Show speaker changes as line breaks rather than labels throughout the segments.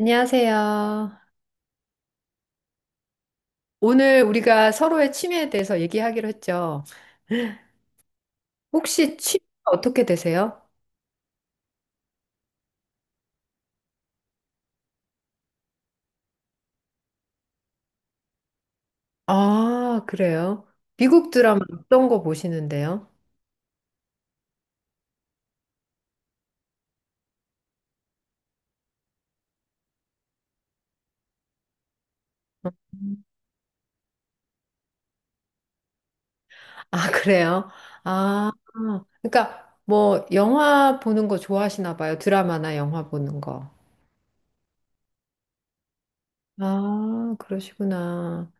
안녕하세요. 오늘 우리가 서로의 취미에 대해서 얘기하기로 했죠. 혹시 취미가 어떻게 되세요? 아, 그래요. 미국 드라마 어떤 거 보시는데요? 아, 그래요? 아, 그러니까 뭐 영화 보는 거 좋아하시나 봐요. 드라마나 영화 보는 거. 아, 그러시구나.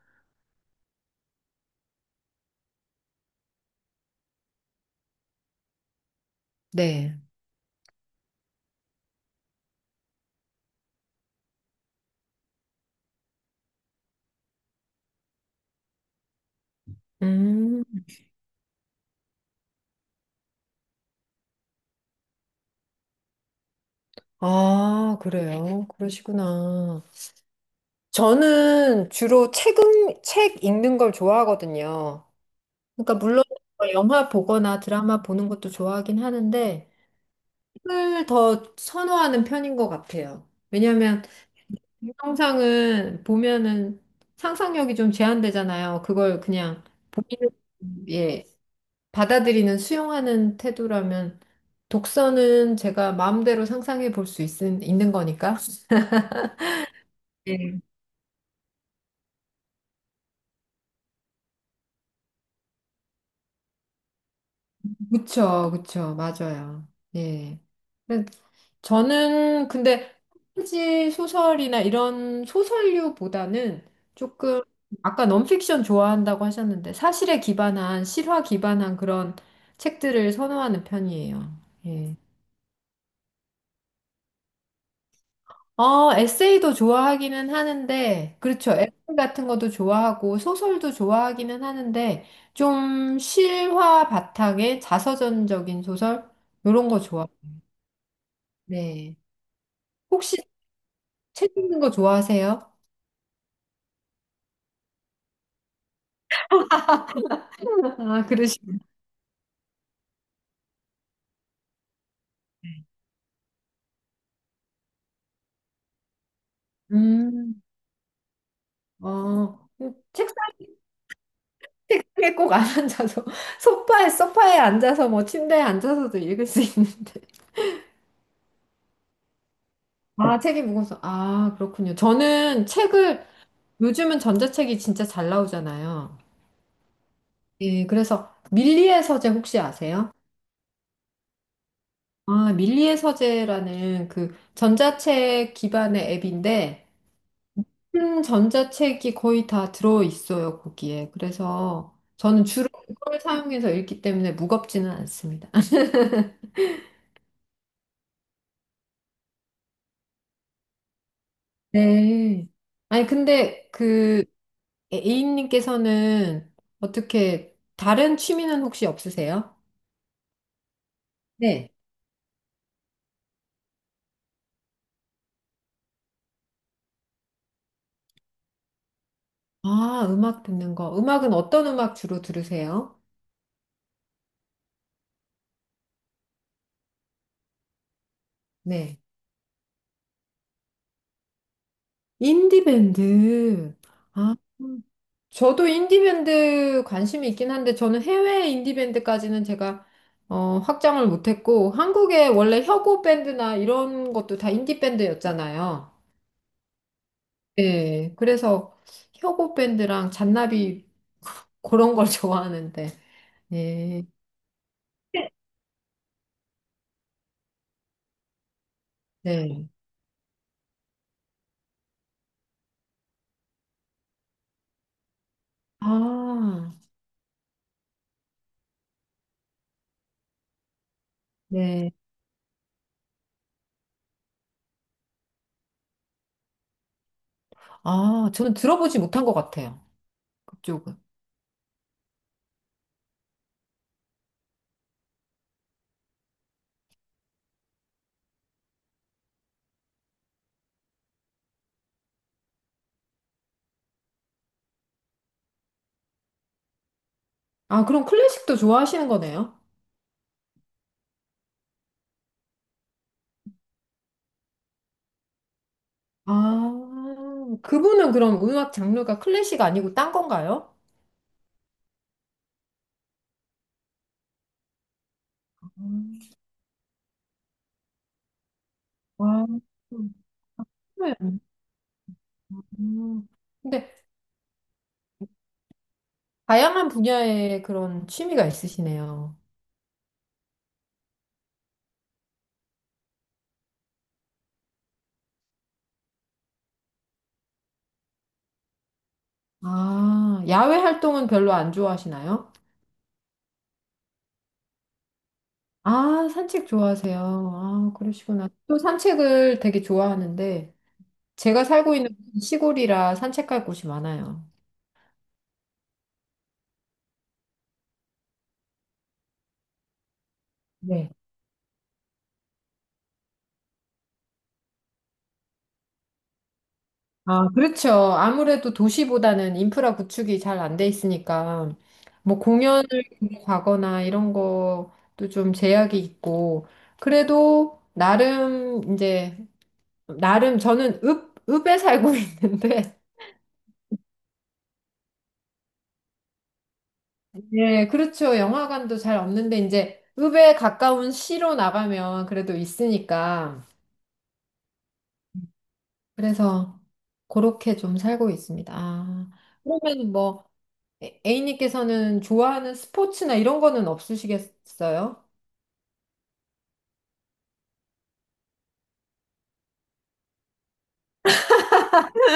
네. 음, 아, 그래요. 그러시구나. 저는 주로 책 읽는 걸 좋아하거든요. 그러니까 물론 뭐 영화 보거나 드라마 보는 것도 좋아하긴 하는데 책을 더 선호하는 편인 것 같아요. 왜냐하면 동영상은 보면은 상상력이 좀 제한되잖아요. 그걸 그냥 보는예 받아들이는 수용하는 태도라면 독서는 제가 마음대로 상상해 볼 수 있는 거니까. 예, 그쵸, 그쵸, 맞아요. 예. 저는 근데 판타지 소설이나 이런 소설류보다는 조금 아까 넌픽션 좋아한다고 하셨는데 사실에 기반한 실화 기반한 그런 책들을 선호하는 편이에요. 예. 에세이도 좋아하기는 하는데 그렇죠. 에세이 같은 것도 좋아하고 소설도 좋아하기는 하는데 좀 실화 바탕의 자서전적인 소설 이런 거 좋아. 네. 혹시 책 읽는 거 좋아하세요? 아, 그러시군요. 음. 어, 책상, 책상에 꼭 안 앉아서, 소파에 앉아서, 뭐, 침대에 앉아서도 읽을 수 있는데. 아, 책이 무거워서. 아, 그렇군요. 저는 책을, 요즘은 전자책이 진짜 잘 나오잖아요. 예, 그래서 밀리의 서재 혹시 아세요? 아, 밀리의 서재라는 그 전자책 기반의 앱인데, 큰 전자책이 거의 다 들어있어요, 거기에. 그래서 저는 주로 그걸 사용해서 읽기 때문에 무겁지는 않습니다. 네. 아니, 근데 그 A님께서는 어떻게 다른 취미는 혹시 없으세요? 네. 아, 음악 듣는 거. 음악은 어떤 음악 주로 들으세요? 네. 인디밴드. 아, 저도 인디밴드 관심이 있긴 한데 저는 해외 인디밴드까지는 제가 확장을 못했고 한국에 원래 혁오 밴드나 이런 것도 다 인디밴드였잖아요. 예, 그래서 혁오 밴드랑 잔나비 그런 걸 좋아하는데. 예, 네. 아, 네. 아, 저는 들어보지 못한 것 같아요. 그쪽은. 아, 그럼 클래식도 좋아하시는 거네요? 아, 그분은 그럼 음악 장르가 클래식 아니고 딴 건가요? 음, 아, 네. 음. 근데 다양한 분야의 그런 취미가 있으시네요. 아, 야외 활동은 별로 안 좋아하시나요? 아, 산책 좋아하세요. 아, 그러시구나. 또 산책을 되게 좋아하는데, 제가 살고 있는 시골이라 산책할 곳이 많아요. 네. 아, 그렇죠. 아무래도 도시보다는 인프라 구축이 잘 안 돼 있으니까, 뭐 공연을 가거나 이런 것도 좀 제약이 있고, 그래도 나름 저는 읍에 살고 있는데, 네, 그렇죠. 영화관도 잘 없는데 이제 읍에 가까운 시로 나가면 그래도 있으니까. 그래서 그렇게 좀 살고 있습니다. 아, 그러면 뭐 A님께서는 좋아하는 스포츠나 이런 거는 없으시겠어요?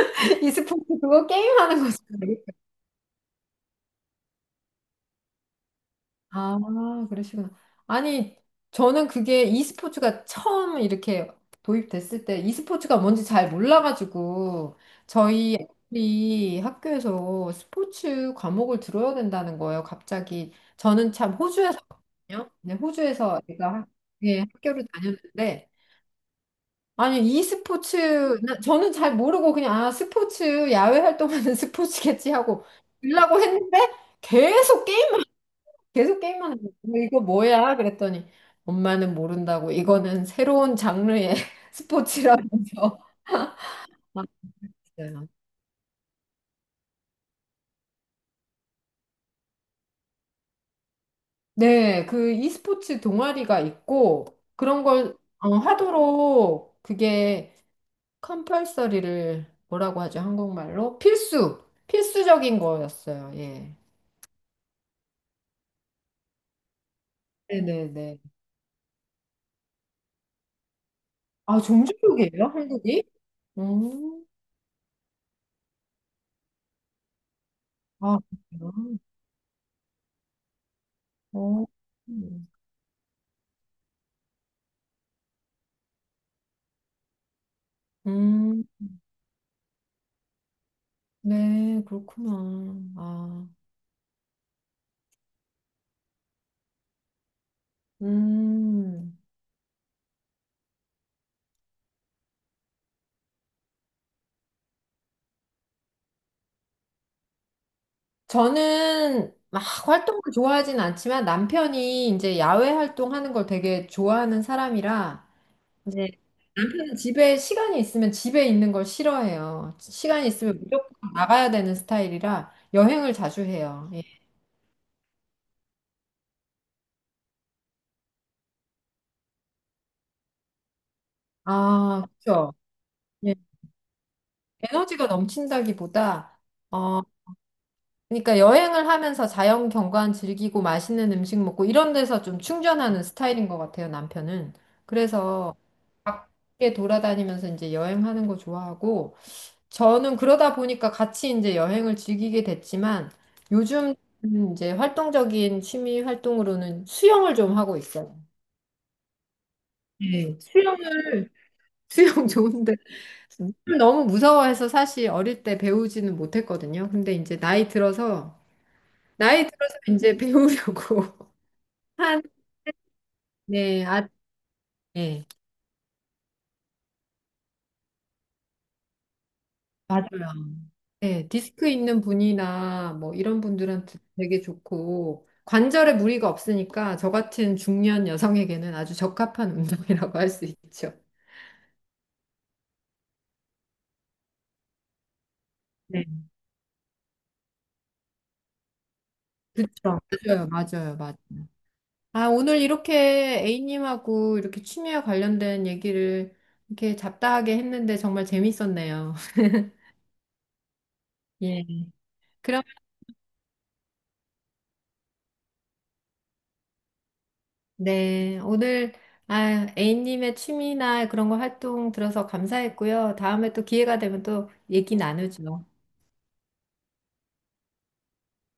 이 스포츠 그거 게임하는 거죠. 아, 그러시구나. 아니, 저는 그게 e스포츠가 처음 이렇게 도입됐을 때 e스포츠가 뭔지 잘 몰라가지고 저희 애들이 학교에서 스포츠 과목을 들어야 된다는 거예요, 갑자기. 저는 참 호주에서 왔거든요. 네, 호주에서 애가 학- 예, 학교를 다녔는데 아니, e스포츠 저는 잘 모르고 그냥 아, 스포츠 야외 활동하는 스포츠겠지 하고 들라고 했는데 계속 계속 게임만 하는 거야. 이거 뭐야? 그랬더니 엄마는 모른다고 이거는 새로운 장르의 스포츠라면서 맞아요. 네, 그 e스포츠 동아리가 있고 그런 걸 하도록 그게 컴펄서리를 뭐라고 하죠? 한국말로 필수적인 거였어요. 예. 네네네. 아 종주국이에요? 한국이? 음. 아, 그래요? 어. 음, 네, 그렇구나. 아. 음, 저는 막 활동을 좋아하진 않지만 남편이 이제 야외 활동하는 걸 되게 좋아하는 사람이라 이제 집에 시간이 있으면 집에 있는 걸 싫어해요. 시간이 있으면 무조건 나가야 되는 스타일이라 여행을 자주 해요. 예. 아, 그렇죠. 예. 에너지가 넘친다기보다 어, 그러니까 여행을 하면서 자연 경관 즐기고 맛있는 음식 먹고 이런 데서 좀 충전하는 스타일인 것 같아요, 남편은. 그래서 밖에 돌아다니면서 이제 여행하는 거 좋아하고 저는 그러다 보니까 같이 이제 여행을 즐기게 됐지만 요즘 이제 활동적인 취미 활동으로는 수영을 좀 하고 있어요. 네. 수영을 수영 좋은데 물을 너무 무서워해서 사실 어릴 때 배우지는 못했거든요. 근데 이제 나이 들어서 이제 배우려고 한, 네, 아, 네, 맞아요. 네, 디스크 있는 분이나 뭐 이런 분들한테 되게 좋고, 관절에 무리가 없으니까 저 같은 중년 여성에게는 아주 적합한 운동이라고 할 수 있죠. 네, 그렇죠. 맞아요, 맞아요, 맞아요. 아, 오늘 이렇게 A님하고 이렇게 취미와 관련된 얘기를 이렇게 잡다하게 했는데 정말 재밌었네요. 예. 그럼 네, 오늘 아, A님의 취미나 그런 거 활동 들어서 감사했고요. 다음에 또 기회가 되면 또 얘기 나누죠.